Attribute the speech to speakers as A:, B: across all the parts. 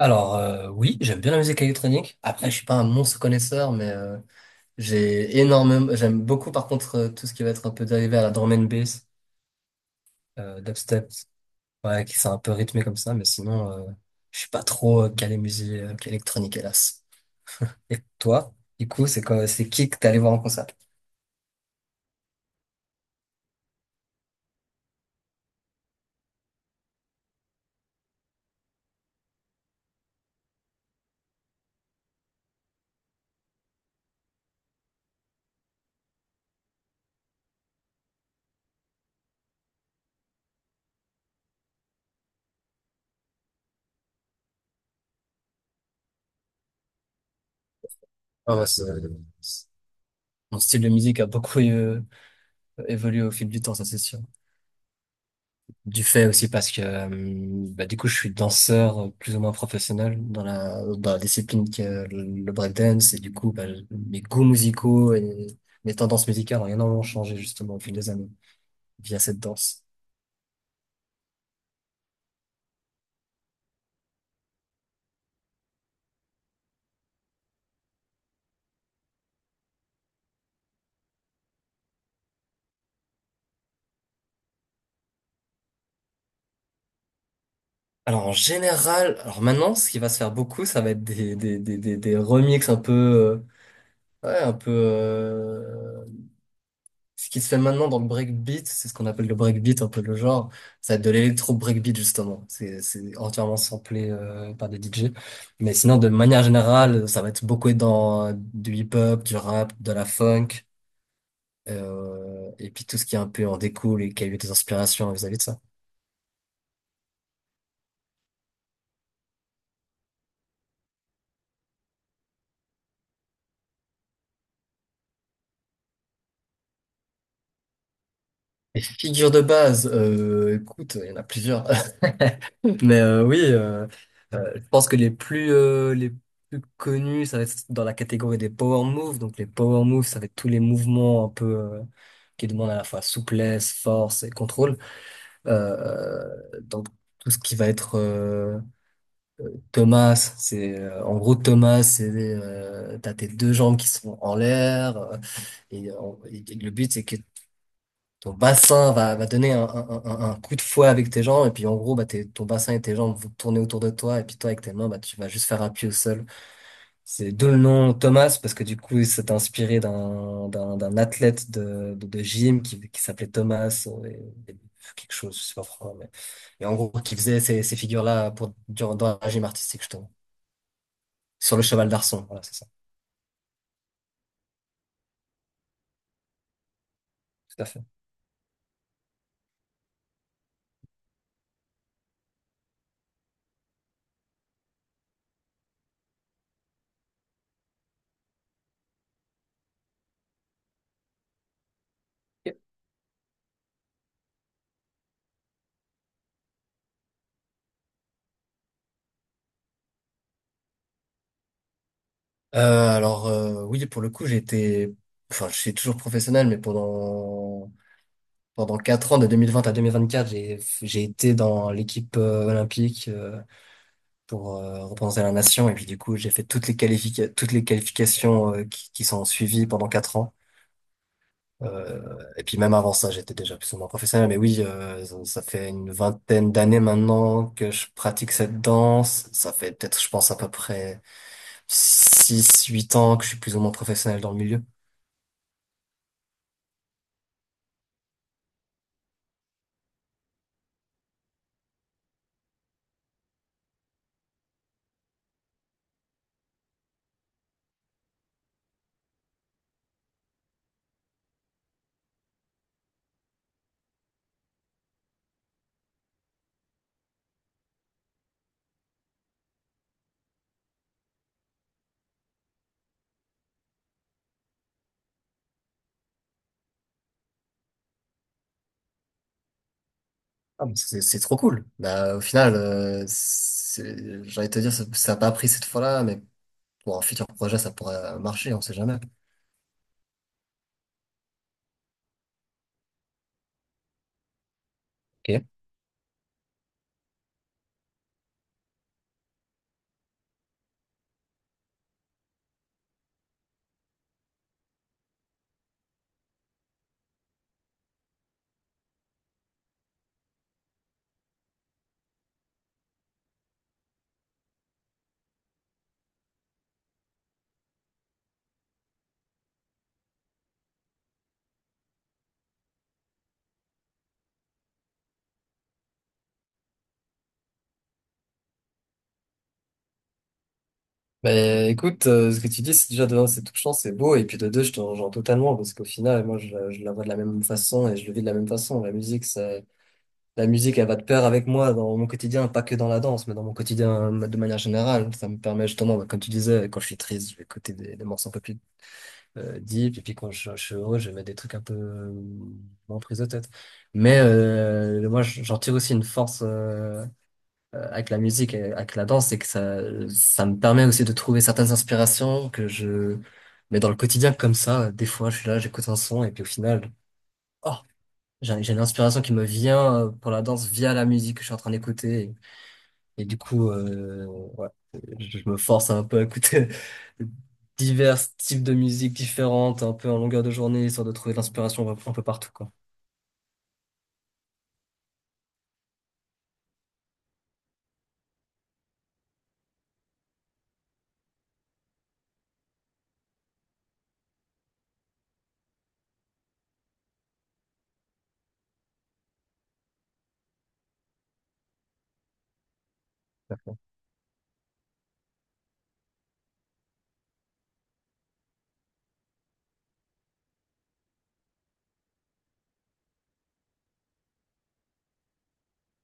A: Alors oui, j'aime bien la musique électronique. Après, je suis pas un monstre connaisseur, mais j'ai énormément, j'aime beaucoup par contre, tout ce qui va être un peu dérivé à la drum and bass, dubstep, ouais, qui sont un peu rythmé comme ça, mais sinon, je suis pas trop calé musique électronique, hélas. Et toi, du coup, c'est quoi, c'est qui que t'es allé voir en concert? Ah ouais, c'est- Mon style de musique a beaucoup évolué au fil du temps, ça c'est sûr. Du fait aussi parce que bah, du coup je suis danseur plus ou moins professionnel dans la discipline qui est le breakdance et du coup bah, mes goûts musicaux et mes tendances musicales ont énormément changé justement au fil des années via cette danse. Alors en général, alors maintenant ce qui va se faire beaucoup ça va être des remixes un peu, ouais, un peu, ce qui se fait maintenant dans le breakbeat, c'est ce qu'on appelle le breakbeat, un peu le genre. Ça va être de l'électro breakbeat, justement. C'est entièrement samplé par des DJ. Mais sinon, de manière générale, ça va être beaucoup dans du hip-hop, du rap, de la funk, et puis tout ce qui est un peu en découle et qui a eu des inspirations vis-à-vis de ça. Les figures de base, écoute, il y en a plusieurs. Mais oui, je pense que les plus, les plus connus, ça va être dans la catégorie des power moves. Donc les power moves, ça va être tous les mouvements un peu, qui demandent à la fois souplesse, force et contrôle. Euh, donc tout ce qui va être Thomas, c'est en gros Thomas, c'est t'as tes deux jambes qui sont en l'air et, euh, et le but c'est que ton bassin va, va donner un coup de fouet avec tes jambes, et puis en gros, bah, ton bassin et tes jambes vont tourner autour de toi, et puis toi, avec tes mains, bah, tu vas juste faire appui au sol. C'est d'où le nom Thomas, parce que du coup, c'est inspiré d'un athlète de gym qui s'appelait Thomas, et quelque chose, je sais pas pourquoi, mais, et en gros, qui faisait ces figures-là pour, durant, dans la gym artistique, justement. Sur le cheval d'Arçon, voilà, c'est ça. Tout à fait. Euh, alors, oui, pour le coup, enfin, je suis toujours professionnel, mais pendant 4 ans, de 2020 à 2024, j'ai été dans l'équipe olympique pour représenter la nation. Et puis du coup, j'ai fait toutes les toutes les qualifications qui sont suivies pendant 4 ans. Et puis même avant ça, j'étais déjà plus ou moins professionnel. Mais oui, ça fait une vingtaine d'années maintenant que je pratique cette danse. Ça fait peut-être, je pense, à peu près 6-8 ans que je suis plus ou moins professionnel dans le milieu. Ah, mais c'est trop cool. Bah, au final, j'ai envie de te dire, ça a pas pris cette fois-là, mais pour un futur projet, ça pourrait marcher, on sait jamais. Ok. Bah, écoute, ce que tu dis, c'est déjà de un, c'est touchant, c'est beau, et puis de deux, je te rejoins totalement, parce qu'au final, moi, je la vois de la même façon et je le vis de la même façon. La musique, ça, la musique, elle va de pair avec moi dans mon quotidien, pas que dans la danse, mais dans mon quotidien de manière générale. Ça me permet justement, bah, comme tu disais, quand je suis triste, je vais écouter des morceaux un peu plus deep, et puis quand je suis heureux, je mets des trucs un peu moins prise de tête. Mais moi, j'en tire aussi une force avec la musique et avec la danse, c'est que ça me permet aussi de trouver certaines inspirations que je mets dans le quotidien comme ça. Des fois, je suis là, j'écoute un son, et puis au final, oh, j'ai une inspiration qui me vient pour la danse via la musique que je suis en train d'écouter. Et du coup, ouais, je me force un peu à écouter divers types de musique différentes, un peu en longueur de journée, histoire de trouver de l'inspiration un peu partout, quoi.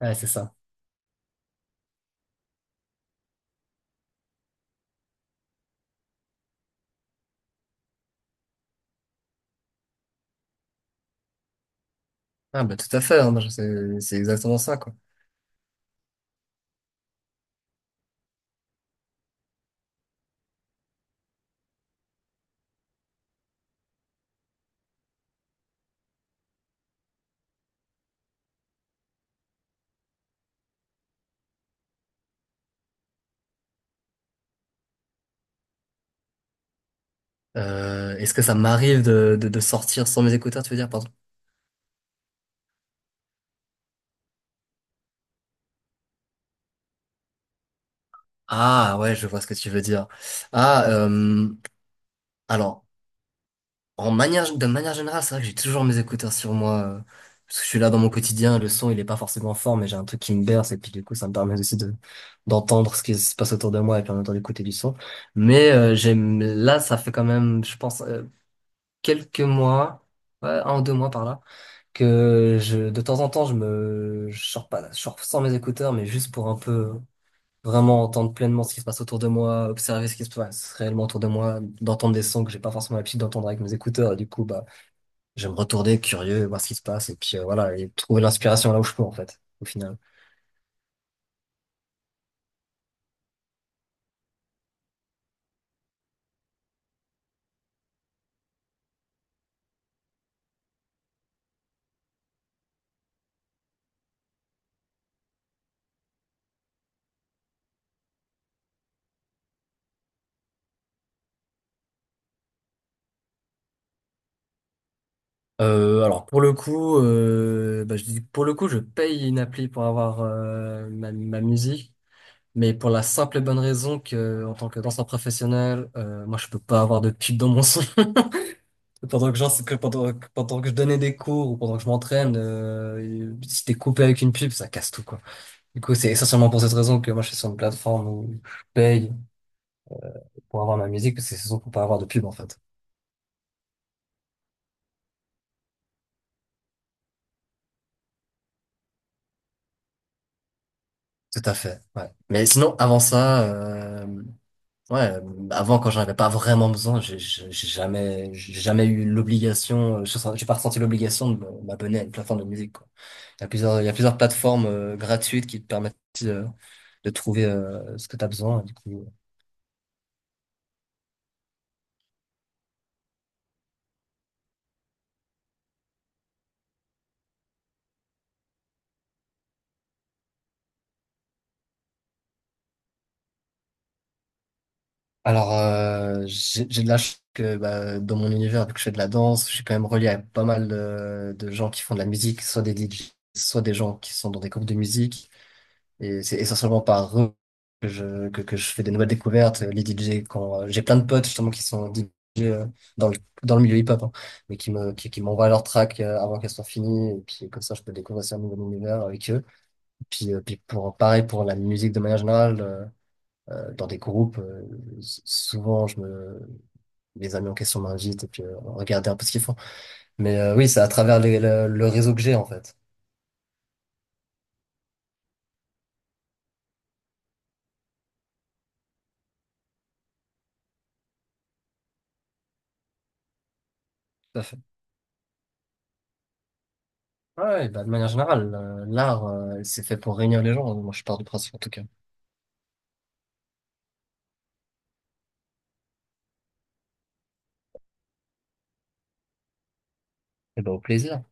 A: Ouais, c'est ça. Ah, bah, tout à fait, hein, moi, c'est exactement ça, quoi. Est-ce que ça m'arrive de sortir sans mes écouteurs, tu veux dire, pardon? Ah, ouais, je vois ce que tu veux dire. Ah, euh, alors. De manière générale, c'est vrai que j'ai toujours mes écouteurs sur moi. Parce que je suis là dans mon quotidien, le son il est pas forcément fort, mais j'ai un truc qui me berce et puis du coup ça me permet aussi de d'entendre ce qui se passe autour de moi et puis en même temps d'écouter du son. Mais j'aime là ça fait quand même, je pense, quelques mois, ouais, 1 ou 2 mois par là, que je de temps en temps je sors pas, je sors sans mes écouteurs, mais juste pour un peu vraiment entendre pleinement ce qui se passe autour de moi, observer ce qui se passe réellement autour de moi, d'entendre des sons que j'ai pas forcément l'habitude d'entendre avec mes écouteurs. Et du coup bah j'aime retourner curieux, voir ce qui se passe, et puis, voilà, et trouver l'inspiration là où je peux, en fait, au final. Alors, pour le coup, bah, je dis, pour le coup, je paye une appli pour avoir ma musique, mais pour la simple et bonne raison que, en tant que danseur professionnel, moi, je peux pas avoir de pub dans mon son. Pendant que, genre, c'est que pendant, que pendant que je donnais des cours ou pendant que je m'entraîne, si t'es coupé avec une pub, ça casse tout, quoi. Du coup, c'est essentiellement pour cette raison que moi, je suis sur une plateforme où je paye pour avoir ma musique, parce que c'est surtout pour pas avoir de pub, en fait. Tout à fait, ouais. Mais sinon, avant ça, ouais, avant quand j'en avais pas vraiment besoin, j'ai jamais eu l'obligation, j'ai pas ressenti l'obligation de m'abonner à une plateforme de musique, quoi. Il y a plusieurs plateformes gratuites qui te permettent de, de trouver ce que tu as besoin. Du coup. Alors, j'ai de la chance que bah, dans mon univers, vu que je fais de la danse, je suis quand même relié à pas mal de gens qui font de la musique, soit des DJ, soit des gens qui sont dans des groupes de musique. Et c'est essentiellement par eux que je fais des nouvelles découvertes. Les DJ, quand j'ai plein de potes justement qui sont DJ euh, dans dans le milieu hip-hop, hein, mais qui m'envoient leurs tracks avant qu'elles soient finies. Et puis comme ça, je peux découvrir aussi un nouvel univers avec eux. Puis, pareil pour la musique de manière générale, dans des groupes, souvent les amis en question m'invitent et puis regarder un peu ce qu'ils font. Mais oui, c'est à travers le réseau que j'ai en fait. Tout à fait. Ouais, ouais, bah, de manière générale, l'art, c'est fait pour réunir les gens. Moi, je pars du principe, en tout cas. Et bah, au plaisir.